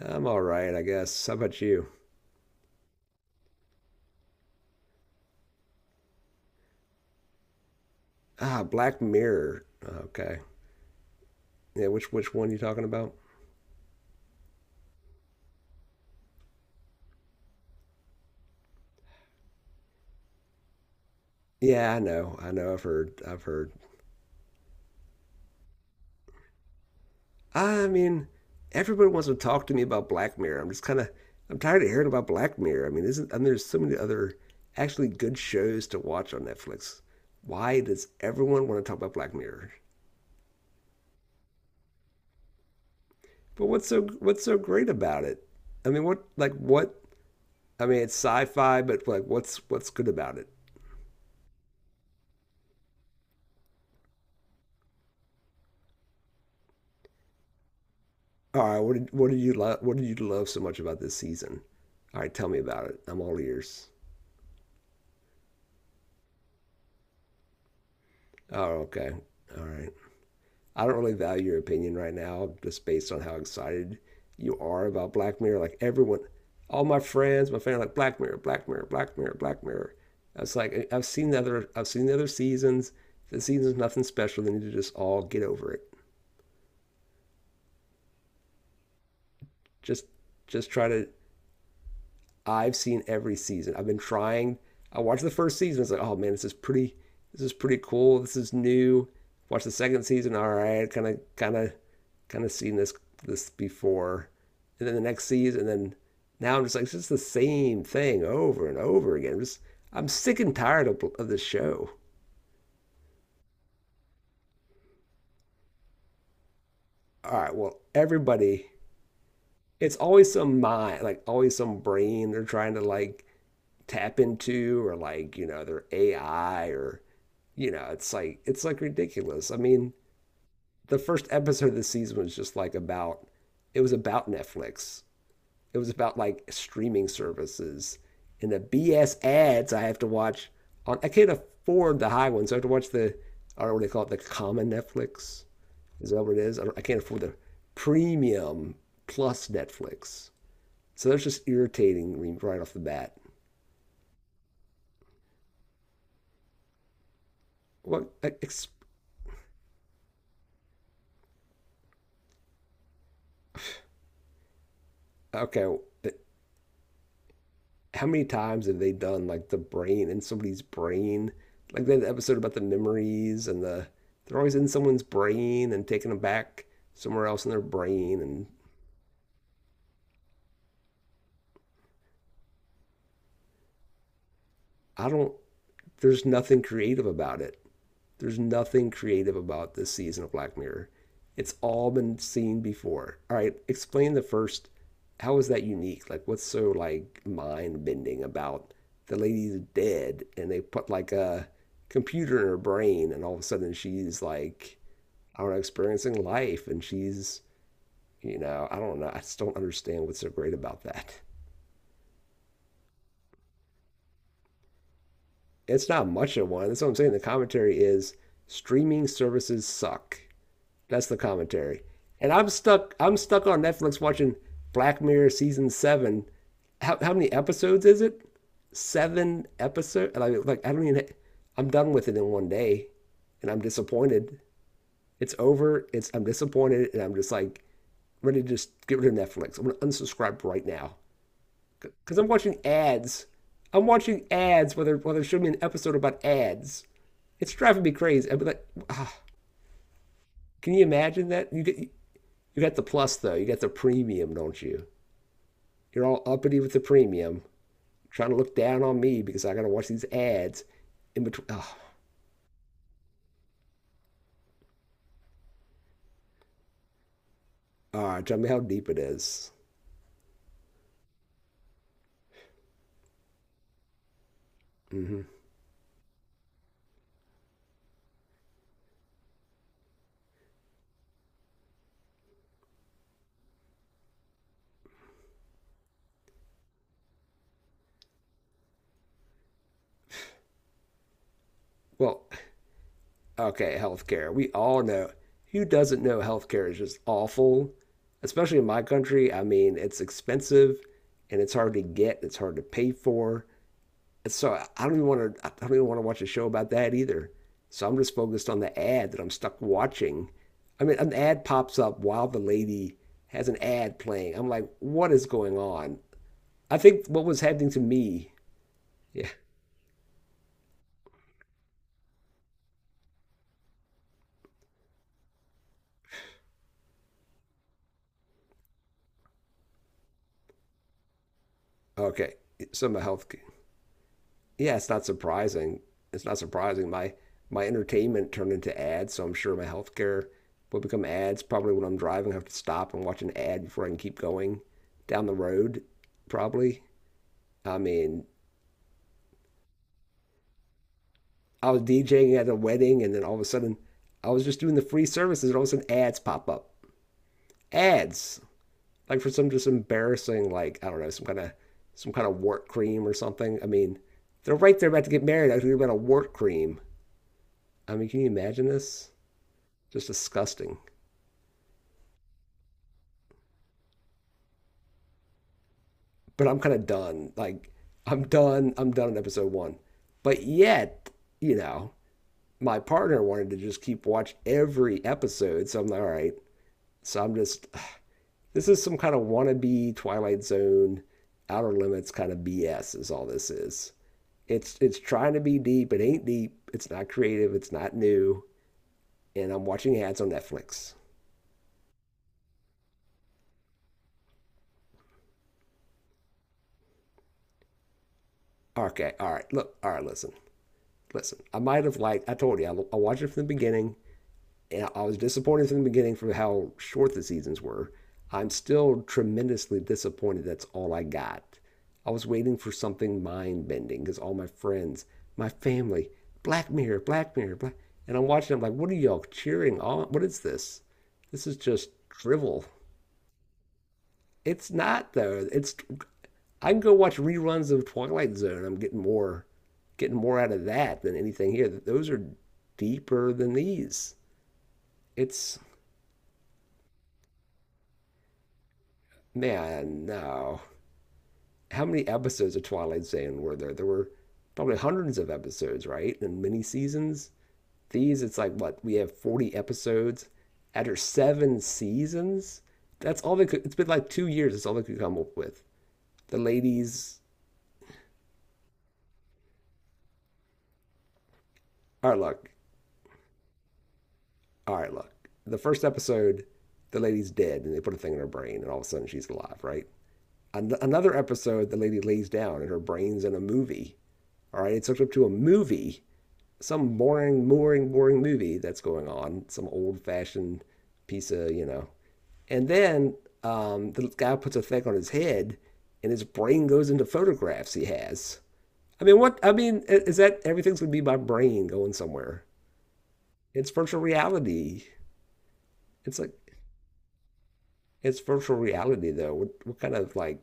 I'm all right, I guess. How about you? Ah, Black Mirror. Okay. Yeah, which one you talking about? Yeah, I know. I know. I've heard. I've heard. I mean, everybody wants to talk to me about Black Mirror. I'm just kind of I'm tired of hearing about Black Mirror. I mean, isn't I mean, there's so many other actually good shows to watch on Netflix. Why does everyone want to talk about Black Mirror? But what's so great about it? I mean, what like what? I mean, it's sci-fi, but like what's good about it? All right, what did you love? What did you love so much about this season? All right, tell me about it. I'm all ears. Oh, okay. All right. I don't really value your opinion right now, just based on how excited you are about Black Mirror. Like everyone, all my friends, my family, like Black Mirror, Black Mirror, Black Mirror, Black Mirror. It's like I've seen the other seasons. The season's nothing special. They need to just all get over it. Just, just try to I've seen every season. I've been trying. I watched the first season. It's like, oh man, this is pretty. This is pretty cool. This is new. Watch the second season. All right, kind of seen this before. And then the next season. And then now I'm just like, it's just the same thing over and over again. I'm just, I'm sick and tired of this show. All right, well, everybody, it's always some mind, like always some brain they're trying to like tap into, or like you know their AI or you know, it's like ridiculous. I mean, the first episode of the season was just like about it was about Netflix. It was about like streaming services and the BS ads I have to watch on I can't afford the high ones. So I have to watch the I don't know what they call it, the common Netflix. Is that what it is? I can't afford the premium plus Netflix. So that's just irritating right off the bat. Well, okay, how many times have they done like the brain in somebody's brain? Like that episode about the memories and the they're always in someone's brain and taking them back somewhere else in their brain and I don't there's nothing creative about it. There's nothing creative about this season of Black Mirror. It's all been seen before. All right, explain the first. How is that unique? Like, what's so like mind bending about the lady's dead and they put like a computer in her brain and all of a sudden she's like, I don't know, experiencing life and she's, you know, I don't know. I just don't understand what's so great about that. It's not much of one. That's what I'm saying. The commentary is streaming services suck. That's the commentary. And I'm stuck. I'm stuck on Netflix watching Black Mirror season seven. How many episodes is it? Seven episodes. And I like I don't even. I'm done with it in 1 day, and I'm disappointed. It's over. It's I'm disappointed, and I'm just like ready to just get rid of Netflix. I'm gonna unsubscribe right now because I'm watching ads. I'm watching ads. Whether show me an episode about ads, it's driving me crazy. I'd be like, ah, can you imagine that? You get you got the plus though. You got the premium, don't you? You're all uppity with the premium, trying to look down on me because I gotta watch these ads in between. Oh, all right, tell me how deep it is. Mm-hmm. Well, okay, healthcare. We all know. Who doesn't know healthcare is just awful? Especially in my country. I mean, it's expensive and it's hard to get, it's hard to pay for. And so I don't even want to. I don't even want to watch a show about that either. So I'm just focused on the ad that I'm stuck watching. I mean, an ad pops up while the lady has an ad playing. I'm like, what is going on? I think what was happening to me. Yeah. Okay. Some of health. Yeah, it's not surprising. It's not surprising. My entertainment turned into ads, so I'm sure my healthcare will become ads. Probably when I'm driving, I have to stop and watch an ad before I can keep going down the road. Probably. I mean, I was DJing at a wedding, and then all of a sudden, I was just doing the free services, and all of a sudden, ads pop up. Ads, like for some just embarrassing, like I don't know, some kind of wart cream or something. I mean, they're right there about to get married. I think about a wart cream. I mean, can you imagine this? Just disgusting. But I'm kind of done. Like, I'm done. I'm done in episode one. But yet, you know, my partner wanted to just keep watch every episode. So I'm like, all right. So I'm just, this is some kind of wannabe Twilight Zone, Outer Limits kind of BS. Is all this is. It's trying to be deep. It ain't deep. It's not creative. It's not new. And I'm watching ads on Netflix. Okay, all right. Look, all right. Listen, listen. I might have liked. I told you. I watched it from the beginning. I was disappointed from the beginning for how short the seasons were. I'm still tremendously disappointed that's all I got. I was waiting for something mind bending because all my friends, my family, Black Mirror, Black Mirror, Black. And I'm watching, I'm like, what are y'all cheering on? What is this? This is just drivel. It's not though. It's I can go watch reruns of Twilight Zone. I'm getting more out of that than anything here. Those are deeper than these. It's man, no. How many episodes of Twilight Zone were there? There were probably hundreds of episodes, right? And many seasons. These, it's like what we have 40 episodes after seven seasons. That's all they could. It's been like 2 years. That's all they could come up with. The ladies. All right, look. All right, look. The first episode, the lady's dead, and they put a thing in her brain, and all of a sudden she's alive, right? Another episode, the lady lays down, and her brain's in a movie. All right, it's hooked up to a movie some boring, boring, boring movie that's going on, some old fashioned piece of, you know. And then the guy puts a thing on his head and his brain goes into photographs he has. I mean, what? I mean, is that everything's going to be my brain going somewhere? It's virtual reality. It's like, it's virtual reality though. What kind of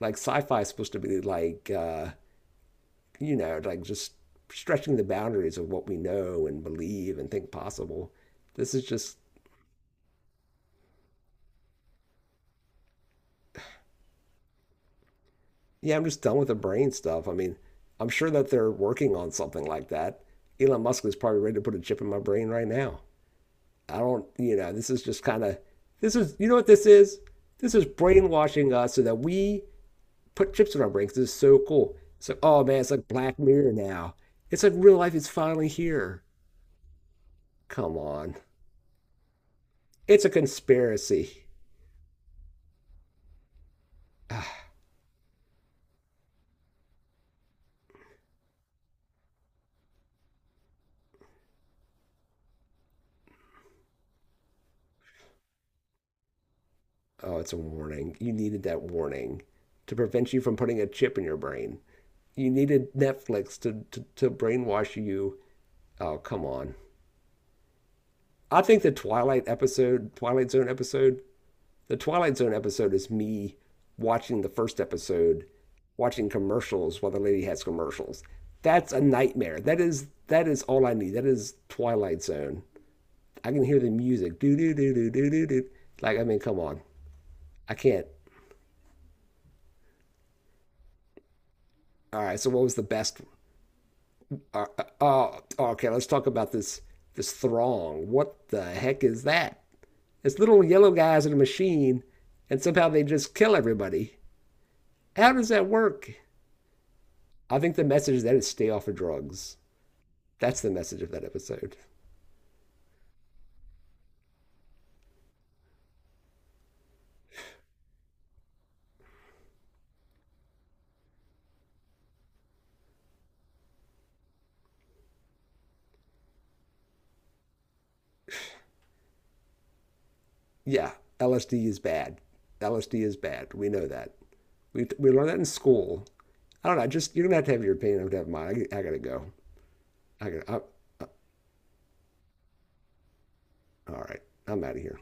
like sci fi is supposed to be like, you know, like just stretching the boundaries of what we know and believe and think possible. This is just yeah, I'm just done with the brain stuff. I mean, I'm sure that they're working on something like that. Elon Musk is probably ready to put a chip in my brain right now. I don't, you know, this is just kind of, this is, you know what this is? This is brainwashing us so that we put chips in our brains. This is so cool. It's like, oh man, it's like Black Mirror now. It's like real life is finally here. Come on. It's a conspiracy. Oh, it's a warning. You needed that warning to prevent you from putting a chip in your brain. You needed Netflix to, brainwash you. Oh, come on. I think the Twilight episode, Twilight Zone episode, the Twilight Zone episode is me watching the first episode, watching commercials while the lady has commercials. That's a nightmare. That is all I need. That is Twilight Zone. I can hear the music. Do do do do do do do. Like I mean, come on. I can't. All right. So what was the best? Oh, okay. Let's talk about this throng. What the heck is that? It's little yellow guys in a machine, and somehow they just kill everybody. How does that work? I think the message is that is stay off of drugs. That's the message of that episode. Yeah, LSD is bad. LSD is bad. We know that. We learned that in school. I don't know. Just you're gonna have to have your opinion. I have to have mine. I gotta go. I gotta. I, all right. I'm out of here.